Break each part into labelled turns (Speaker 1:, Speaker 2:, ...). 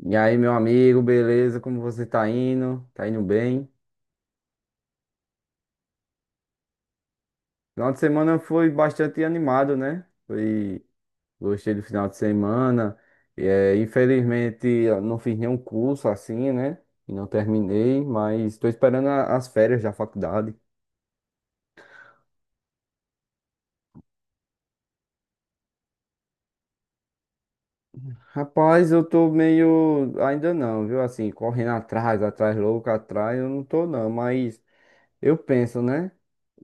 Speaker 1: E aí, meu amigo, beleza? Como você tá indo? Tá indo bem? Final de semana foi bastante animado, né? Gostei do final de semana. E, infelizmente, eu não fiz nenhum curso assim, né? E não terminei, mas estou esperando as férias da faculdade. Rapaz, eu tô meio. Ainda não, viu? Assim, correndo atrás, atrás, louco, atrás, eu não tô não, mas. Eu penso, né?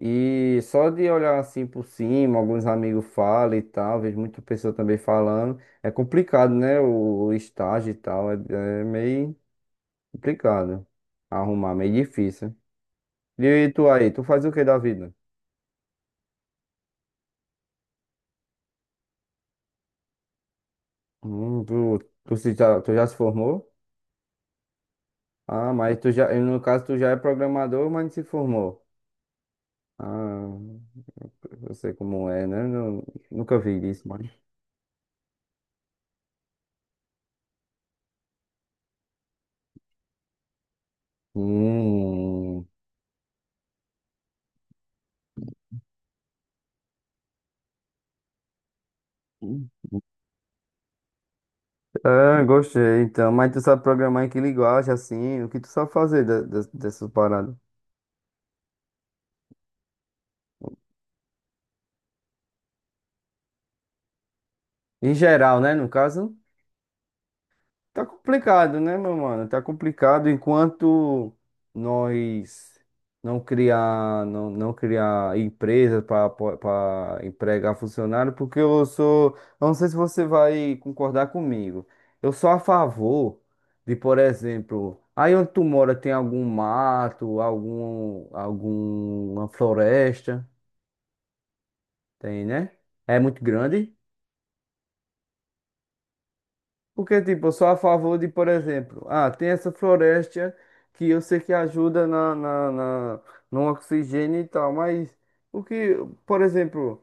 Speaker 1: E só de olhar assim por cima, alguns amigos falam e tal, vejo muita pessoa também falando. É complicado, né? O estágio e tal, é, é meio complicado arrumar, meio difícil. E tu aí, tu faz o que da vida? Hum, tu, se já, tu já se formou? Ah, mas tu já, no caso, tu já é programador, mas não se formou. Ah, eu sei como é, né? Nunca vi isso, mas. Hum. Ah, gostei, então. Mas tu sabe programar em que linguagem, assim? O que tu sabe fazer dessas paradas? Em geral, né? No caso, tá complicado, né, meu mano? Tá complicado enquanto nós não criar, não criar empresa para empregar funcionário, porque eu sou, eu não sei se você vai concordar comigo. Eu sou a favor de, por exemplo, aí onde tu mora tem algum mato, algum, alguma floresta. Tem, né? É muito grande. Porque, tipo, eu sou a favor de, por exemplo, ah, tem essa floresta que eu sei que ajuda no oxigênio e tal, mas o que, por exemplo,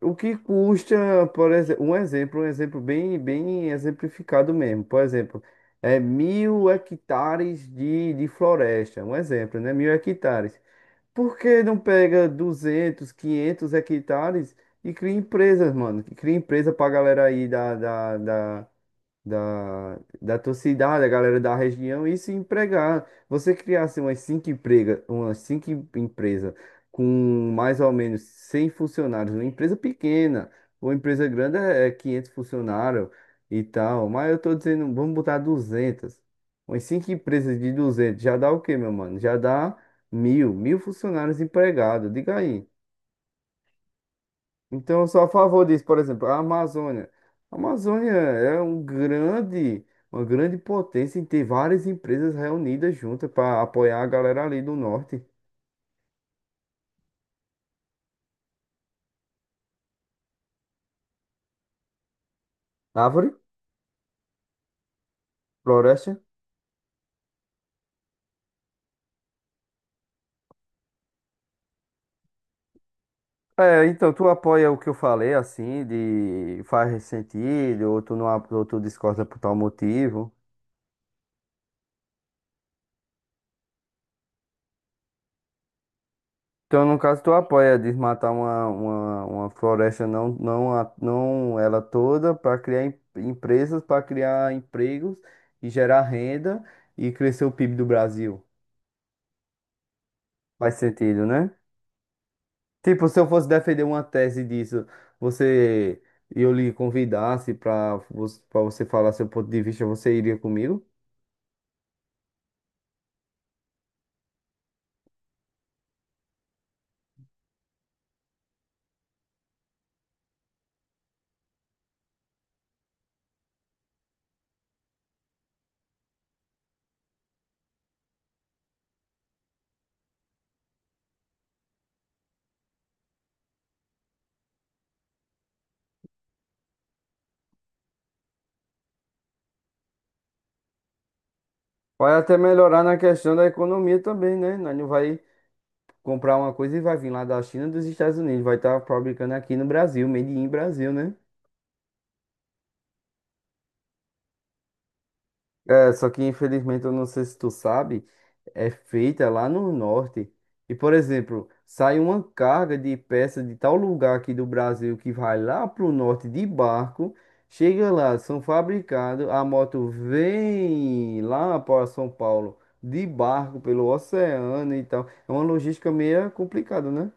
Speaker 1: o que custa, por exemplo, um exemplo, um exemplo bem, bem exemplificado mesmo. Por exemplo, é mil hectares de floresta. Um exemplo, né? Mil hectares. Por que não pega 200, 500 hectares e cria empresas, mano? Que cria empresa pra galera aí da tua cidade, a galera da região, e se empregar. Você criasse umas cinco emprega, umas cinco empresa com mais ou menos 100 funcionários, uma empresa pequena, uma empresa grande é 500 funcionários e tal, mas eu tô dizendo, vamos botar 200. Umas cinco empresas de 200, já dá o quê, meu mano? Já dá mil funcionários empregados, diga aí. Então, eu sou a favor disso. Por exemplo, a Amazônia. A Amazônia é um grande, uma grande potência em ter várias empresas reunidas juntas para apoiar a galera ali do norte. Árvore, floresta. É, então tu apoia o que eu falei, assim, de faz sentido, ou tu não, ou tu discorda por tal motivo. Então, no caso, tu apoia desmatar uma floresta, não, não, não ela toda, para criar empresas, para criar empregos e gerar renda e crescer o PIB do Brasil. Faz sentido, né? Tipo, se eu fosse defender uma tese disso, você e eu lhe convidasse para você falar seu ponto de vista, você iria comigo? Vai até melhorar na questão da economia também, né? Nós não vai comprar uma coisa e vai vir lá da China, dos Estados Unidos, vai estar fabricando aqui no Brasil, made in Brasil, né? É, só que infelizmente eu não sei se tu sabe, é feita lá no norte. E por exemplo, sai uma carga de peça de tal lugar aqui do Brasil que vai lá pro norte de barco, chega lá, são fabricados, a moto vem lá para São Paulo de barco pelo oceano e tal. É uma logística meio complicada, né?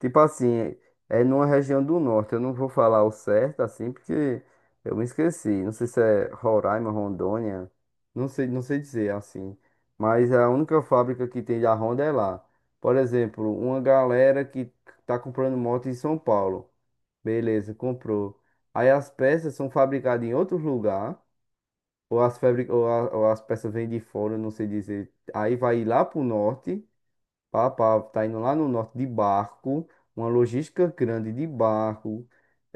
Speaker 1: Tipo assim, é numa região do norte. Eu não vou falar o certo assim, porque eu me esqueci. Não sei se é Roraima, Rondônia. Não sei, não sei dizer assim. Mas a única fábrica que tem da Honda é lá. Por exemplo, uma galera que tá comprando moto em São Paulo. Beleza, comprou. Aí as peças são fabricadas em outro lugar. Ou as, ou as peças vêm de fora, não sei dizer. Aí vai lá pro norte. Papá tá indo lá no norte de barco, uma logística grande de barco.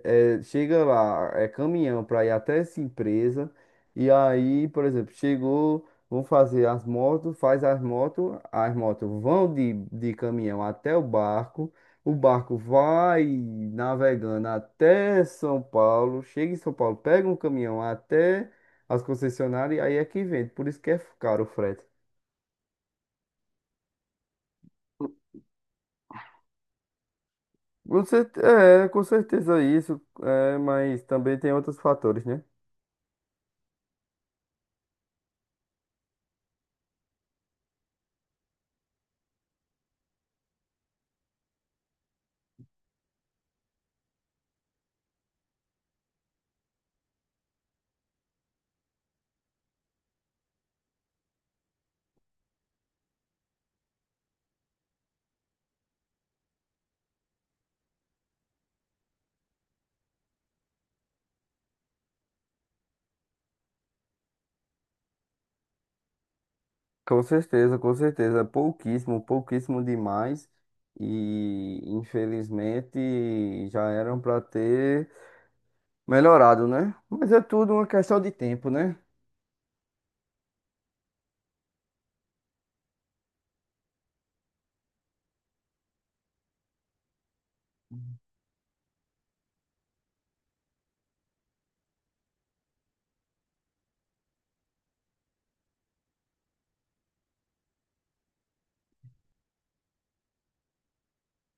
Speaker 1: Chega lá, é caminhão para ir até essa empresa. E aí, por exemplo, chegou, vão fazer as motos, faz as motos vão de caminhão até o barco. O barco vai navegando até São Paulo, chega em São Paulo, pega um caminhão até as concessionárias e aí é que vende. Por isso que é caro o frete. É, com certeza isso, é, mas também tem outros fatores, né? Com certeza, com certeza. Pouquíssimo, pouquíssimo demais. E infelizmente já eram para ter melhorado, né? Mas é tudo uma questão de tempo, né?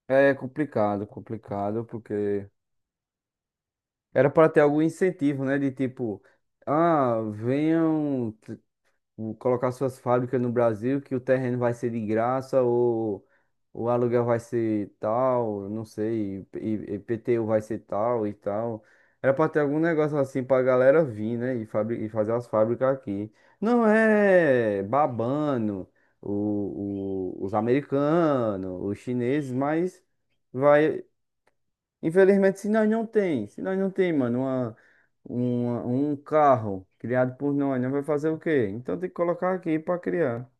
Speaker 1: É complicado, complicado, porque era para ter algum incentivo, né? De tipo, ah, venham. Colocar suas fábricas no Brasil, que o terreno vai ser de graça ou o aluguel vai ser tal, não sei, e IPTU vai ser tal e tal. Era pra ter algum negócio assim pra galera vir, né? E, e fazer as fábricas aqui. Não é babando os americanos, os chineses, mas vai. Infelizmente, se nós não tem, se nós não tem, mano, uma, um carro criado por nós, nós vai fazer o quê? Então tem que colocar aqui para criar.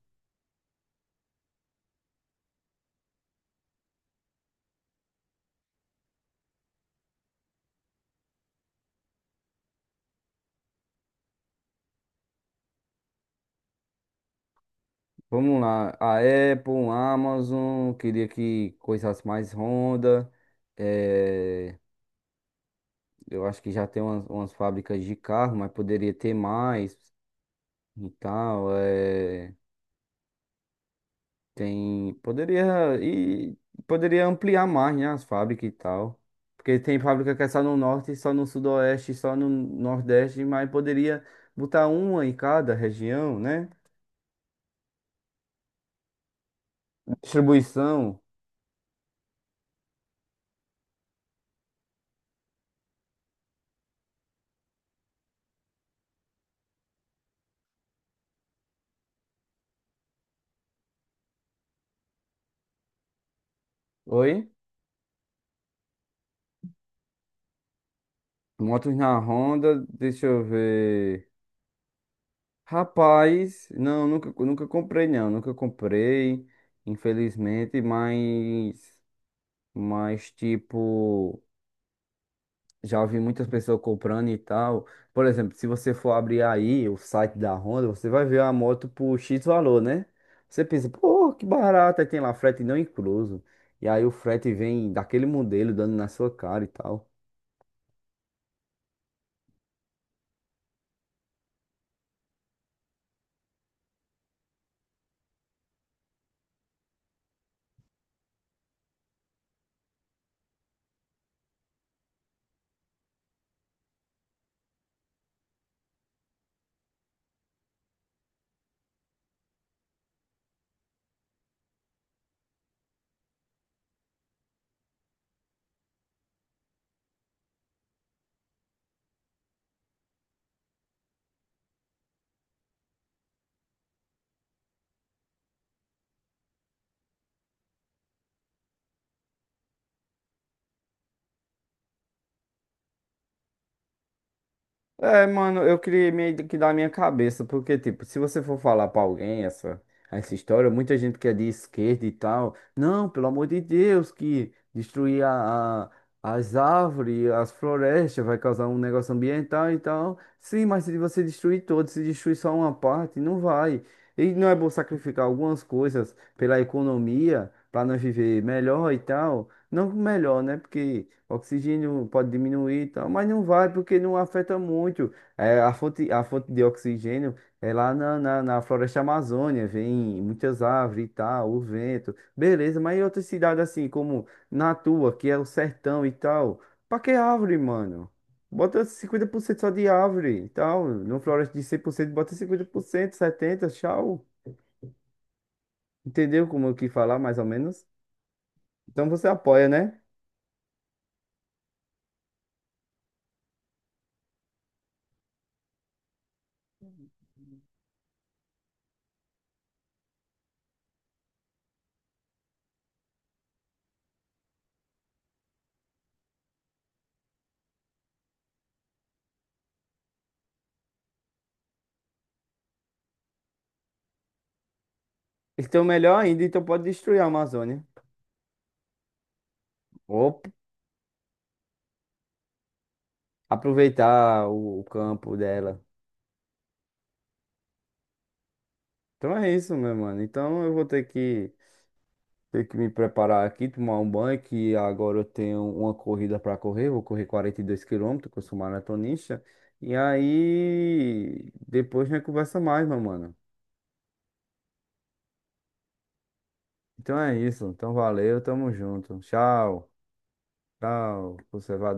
Speaker 1: Vamos lá, a Apple, a Amazon, queria que coisas mais Honda. eh, eu acho que já tem umas, umas fábricas de carro, mas poderia ter mais e tal. Tem, poderia e poderia ampliar mais, né, as fábricas e tal. Porque tem fábrica que é só no norte, só no sudoeste, só no nordeste, mas poderia botar uma em cada região, né? Distribuição. Oi? Motos na Honda, deixa eu ver. Rapaz, não, nunca, nunca comprei não, nunca comprei, infelizmente, mas tipo já ouvi muitas pessoas comprando e tal. Por exemplo, se você for abrir aí o site da Honda, você vai ver a moto por X valor, né? Você pensa, pô, que barato, aí tem lá frete não incluso. E aí o frete vem daquele modelo dando na sua cara e tal. É, mano, eu queria meio que dar a minha cabeça, porque, tipo, se você for falar pra alguém essa, essa história, muita gente que é de esquerda e tal, não, pelo amor de Deus, que destruir as árvores, as florestas, vai causar um negócio ambiental e tal. Sim, mas se você destruir todos, se destruir só uma parte, não vai. E não é bom sacrificar algumas coisas pela economia, pra nós viver melhor e tal. Não que melhor, né? Porque oxigênio pode diminuir e tal, mas não vai porque não afeta muito. É, a fonte de oxigênio é lá na floresta Amazônia, vem muitas árvores e tal, o vento. Beleza, mas em outras cidades assim, como na tua, que é o sertão e tal, pra que árvore, mano? Bota 50% só de árvore e tal. Numa floresta de 100% bota 50%, 70%, tchau. Entendeu como eu quis falar, mais ou menos? Então você apoia, né? Então, melhor ainda, então pode destruir a Amazônia. Ou aproveitar o campo dela. Então é isso, meu mano. Então eu vou ter que me preparar aqui, tomar um banho, que agora eu tenho uma corrida pra correr. Vou correr 42 quilômetros, que eu sou maratonista. E aí, depois a gente conversa mais, meu mano. Então é isso. Então valeu, tamo junto. Tchau, tchau. Você vai.